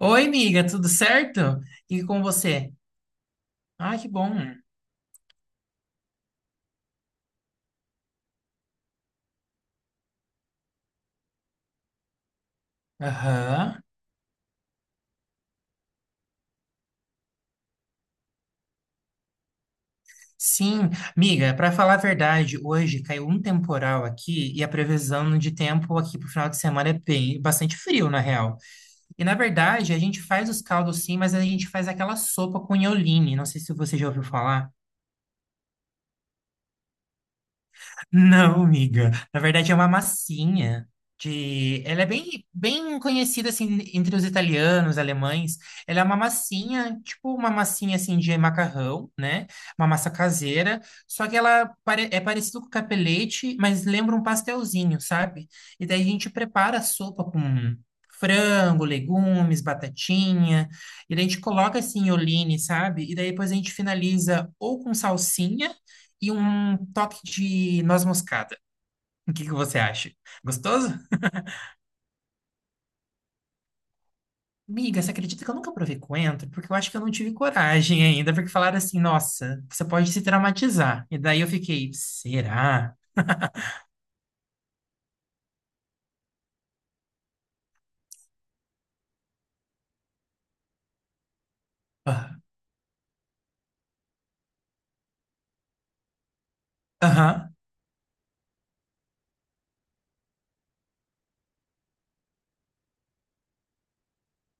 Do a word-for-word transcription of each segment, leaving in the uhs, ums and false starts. Oi, amiga, tudo certo? E com você? Ah, que bom. Aham. Sim, amiga, para falar a verdade, hoje caiu um temporal aqui e a previsão de tempo aqui pro final de semana é bem, bastante frio, na real. E na verdade, a gente faz os caldos sim, mas a gente faz aquela sopa com ioline. Não sei se você já ouviu falar. Não, amiga. Na verdade, é uma massinha de. Ela é bem, bem conhecida assim entre os italianos, alemães. Ela é uma massinha, tipo uma massinha assim de macarrão, né? Uma massa caseira. Só que ela pare- é parecido com capelete, mas lembra um pastelzinho, sabe? E daí a gente prepara a sopa com frango, legumes, batatinha. E daí a gente coloca assim, olhine, sabe? E daí depois a gente finaliza ou com salsinha e um toque de noz moscada. O que que você acha? Gostoso? Miga, você acredita que eu nunca provei coentro? Porque eu acho que eu não tive coragem ainda, porque falaram assim, nossa, você pode se traumatizar. E daí eu fiquei, será? Ah. Aham.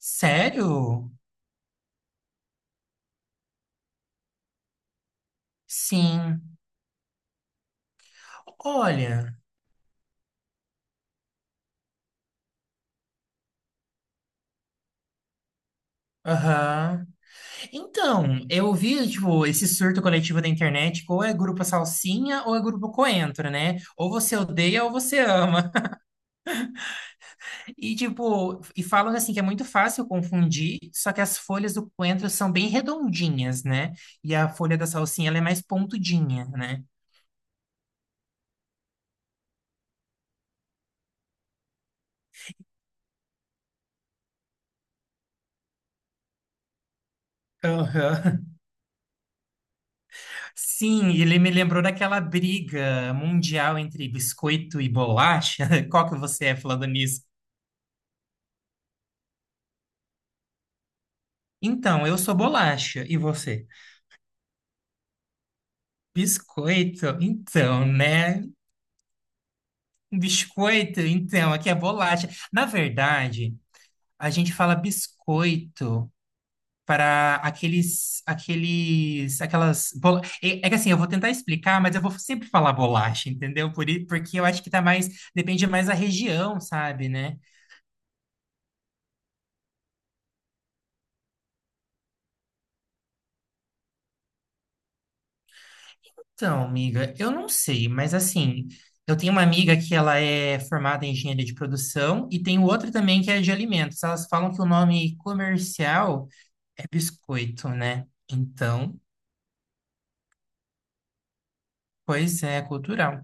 Sério? Sim. Olha, aham. Então, eu vi, tipo, esse surto coletivo da internet, que ou é grupo Salsinha ou é grupo Coentro, né? Ou você odeia ou você ama. E tipo, e falam assim que é muito fácil confundir, só que as folhas do coentro são bem redondinhas, né? E a folha da salsinha ela é mais pontudinha, né? Aham. Sim, ele me lembrou daquela briga mundial entre biscoito e bolacha. Qual que você é falando nisso? Então, eu sou bolacha, e você? Biscoito? Então, né? Biscoito, então, aqui é bolacha. Na verdade, a gente fala biscoito para aqueles, aqueles, aquelas bola... É, é que assim, eu vou tentar explicar, mas eu vou sempre falar bolacha, entendeu? Por, i- porque eu acho que tá mais, depende mais da região, sabe, né? Então, amiga, eu não sei, mas assim, eu tenho uma amiga que ela é formada em engenharia de produção e tem outra também que é de alimentos. Elas falam que o nome comercial é biscoito, né? Então, pois é, cultural.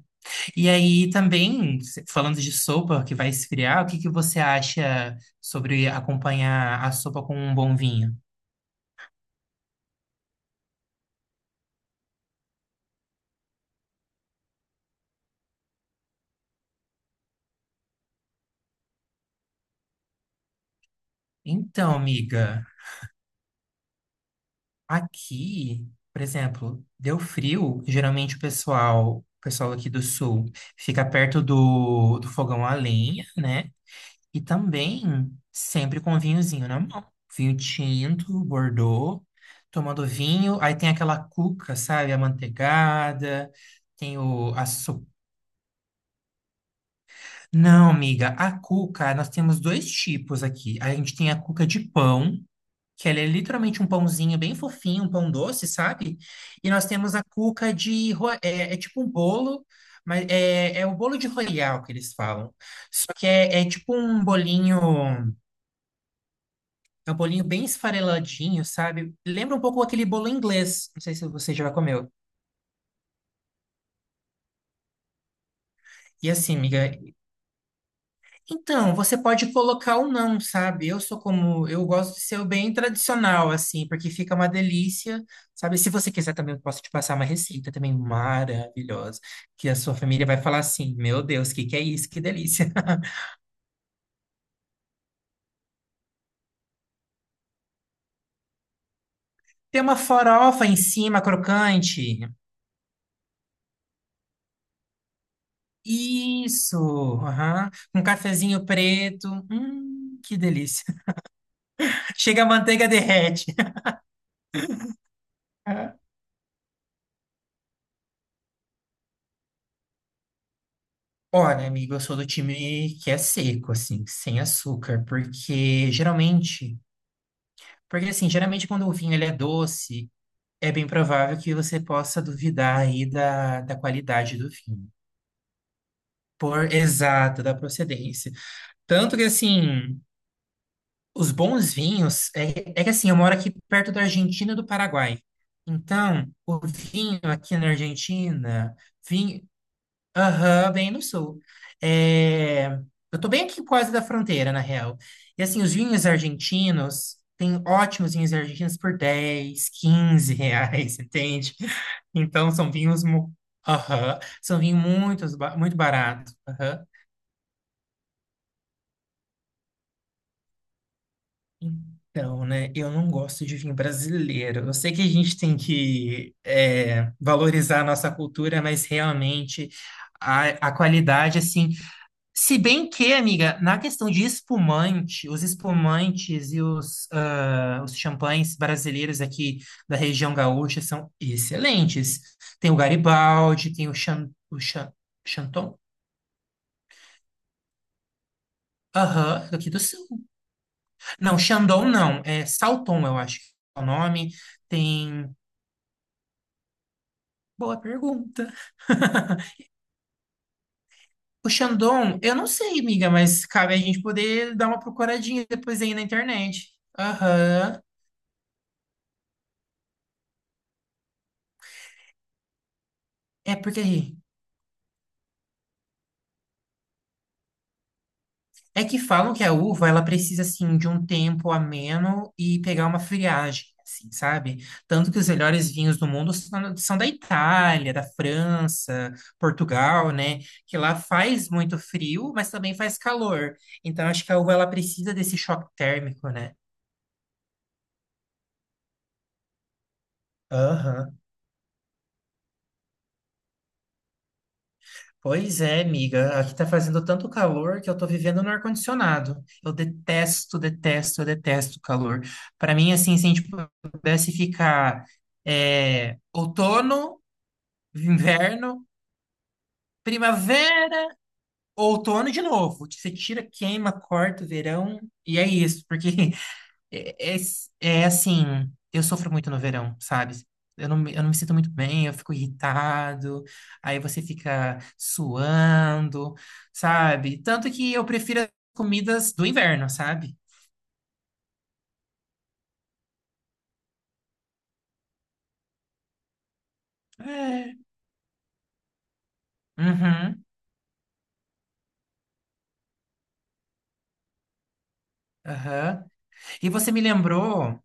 E aí também, se- falando de sopa que vai esfriar, o que que você acha sobre acompanhar a sopa com um bom vinho? Então, amiga, aqui, por exemplo, deu frio, geralmente o pessoal, o pessoal aqui do sul fica perto do, do fogão a lenha, né? E também sempre com vinhozinho na mão. Vinho tinto, Bordeaux, tomando vinho, aí tem aquela cuca, sabe? Amanteigada tem o, a, so- Não, amiga, a cuca, nós temos dois tipos aqui. A gente tem a cuca de pão, que ela é literalmente um pãozinho bem fofinho, um pão doce, sabe? E nós temos a cuca de... ro- É, é tipo um bolo, mas é, é o bolo de royal que eles falam. Só que é, é tipo um bolinho... É um bolinho bem esfareladinho, sabe? Lembra um pouco aquele bolo inglês. Não sei se você já comeu. E assim, amiga, então, você pode colocar ou não, sabe? Eu sou como, eu gosto de ser o bem tradicional, assim, porque fica uma delícia, sabe? Se você quiser também, eu posso te passar uma receita também maravilhosa, que a sua família vai falar assim, meu Deus, o que que é isso? Que delícia. Tem uma farofa em cima, crocante. Isso, aham. Um cafezinho preto. Hum, que delícia. Chega a manteiga derrete. Olha, amigo, eu sou do time que é seco, assim, sem açúcar, porque geralmente, porque assim, geralmente quando o vinho ele é doce, é bem provável que você possa duvidar aí da, da qualidade do vinho, por exato, da procedência. Tanto que assim, os bons vinhos, é, é que assim, eu moro aqui perto da Argentina e do Paraguai. Então, o vinho aqui na Argentina, aham, bem no sul. É. Eu tô bem aqui quase da fronteira, na real. E assim, os vinhos argentinos, tem ótimos vinhos argentinos por dez, quinze reais, entende? Então, são vinhos... mu- Aham, são vinhos muito, ba- muito baratos. Aham. Então, né, eu não gosto de vinho brasileiro. Eu sei que a gente tem que é, valorizar a nossa cultura, mas realmente a, a qualidade, assim, se bem que, amiga, na questão de espumante, os espumantes e os, ah, os champanhes brasileiros aqui da região gaúcha são excelentes. Tem o Garibaldi, tem o, Chan, o Chan, Chanton? Aham, aqui do sul. Não, Chandon não, é Salton, eu acho que é o nome. Tem. Boa pergunta. O Chandon, eu não sei, amiga, mas cabe a gente poder dar uma procuradinha depois aí na internet. Aham. É porque É que falam que a uva, ela precisa, assim, de um tempo ameno e pegar uma friagem, assim, sabe? Tanto que os melhores vinhos do mundo são são da Itália, da França, Portugal, né? Que lá faz muito frio, mas também faz calor. Então, acho que a uva, ela precisa desse choque térmico, né? Aham. Pois é, amiga. Aqui tá fazendo tanto calor que eu tô vivendo no ar-condicionado. Eu detesto, detesto, eu detesto calor. Para mim, assim, se a gente pudesse ficar é, outono, inverno, primavera, outono de novo. Você tira, queima, corta o verão e é isso. Porque É, é, é assim, eu sofro muito no verão, sabe? Eu não, me- eu não me sinto muito bem, eu fico irritado, aí você fica suando, sabe? Tanto que eu prefiro as comidas do inverno, sabe? É. Uhum, aham. E você me lembrou,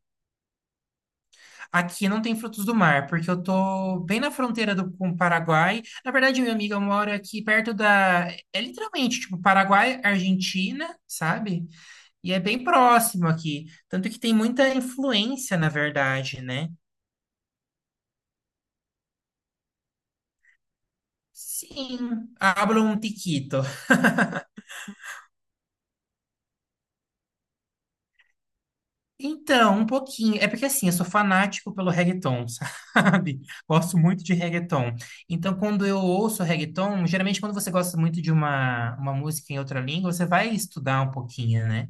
aqui não tem frutos do mar, porque eu tô bem na fronteira do, com o Paraguai. Na verdade, minha amiga mora aqui perto da. É literalmente, tipo, Paraguai, Argentina, sabe? E é bem próximo aqui. Tanto que tem muita influência, na verdade, né? Sim, hablo um tiquito. Então, um pouquinho. É porque assim, eu sou fanático pelo reggaeton, sabe? Gosto muito de reggaeton. Então, quando eu ouço reggaeton, geralmente quando você gosta muito de uma, uma música em outra língua, você vai estudar um pouquinho, né?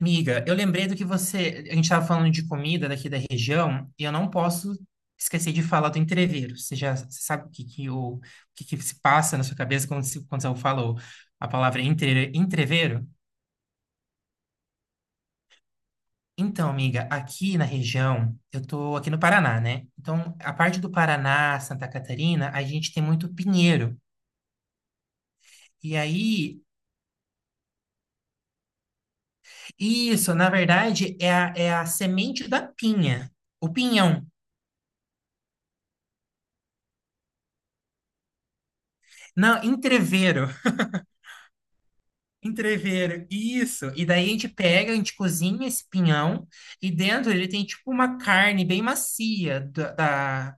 Miga, eu lembrei do que você. A gente estava falando de comida daqui da região, e eu não posso esquecer de falar do entrevero. Você já você sabe o que, que, o, o que, que se passa na sua cabeça quando, se, quando eu falo a palavra entre, entrevero? Então, amiga, aqui na região, eu tô aqui no Paraná, né? Então, a parte do Paraná, Santa Catarina, a gente tem muito pinheiro. E aí, isso, na verdade, é a, é a semente da pinha, o pinhão. Não, entrevero. Entrever, isso. E daí a gente pega, a gente cozinha esse pinhão e dentro ele tem tipo uma carne bem macia da, da,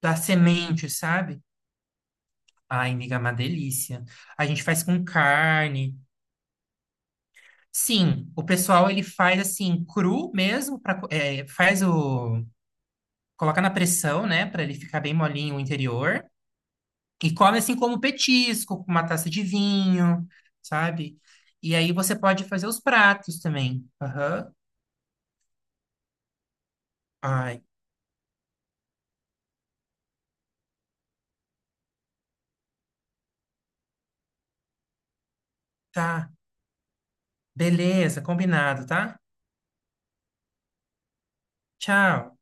da semente, sabe? Ai, amiga, é uma delícia. A gente faz com carne. Sim, o pessoal ele faz assim, cru mesmo, pra, co- é, faz o... Coloca na pressão, né, para ele ficar bem molinho o interior. E come assim como petisco, com uma taça de vinho, sabe? E aí você pode fazer os pratos também. Aham. Ai. Tá. Beleza, combinado, tá? Tchau.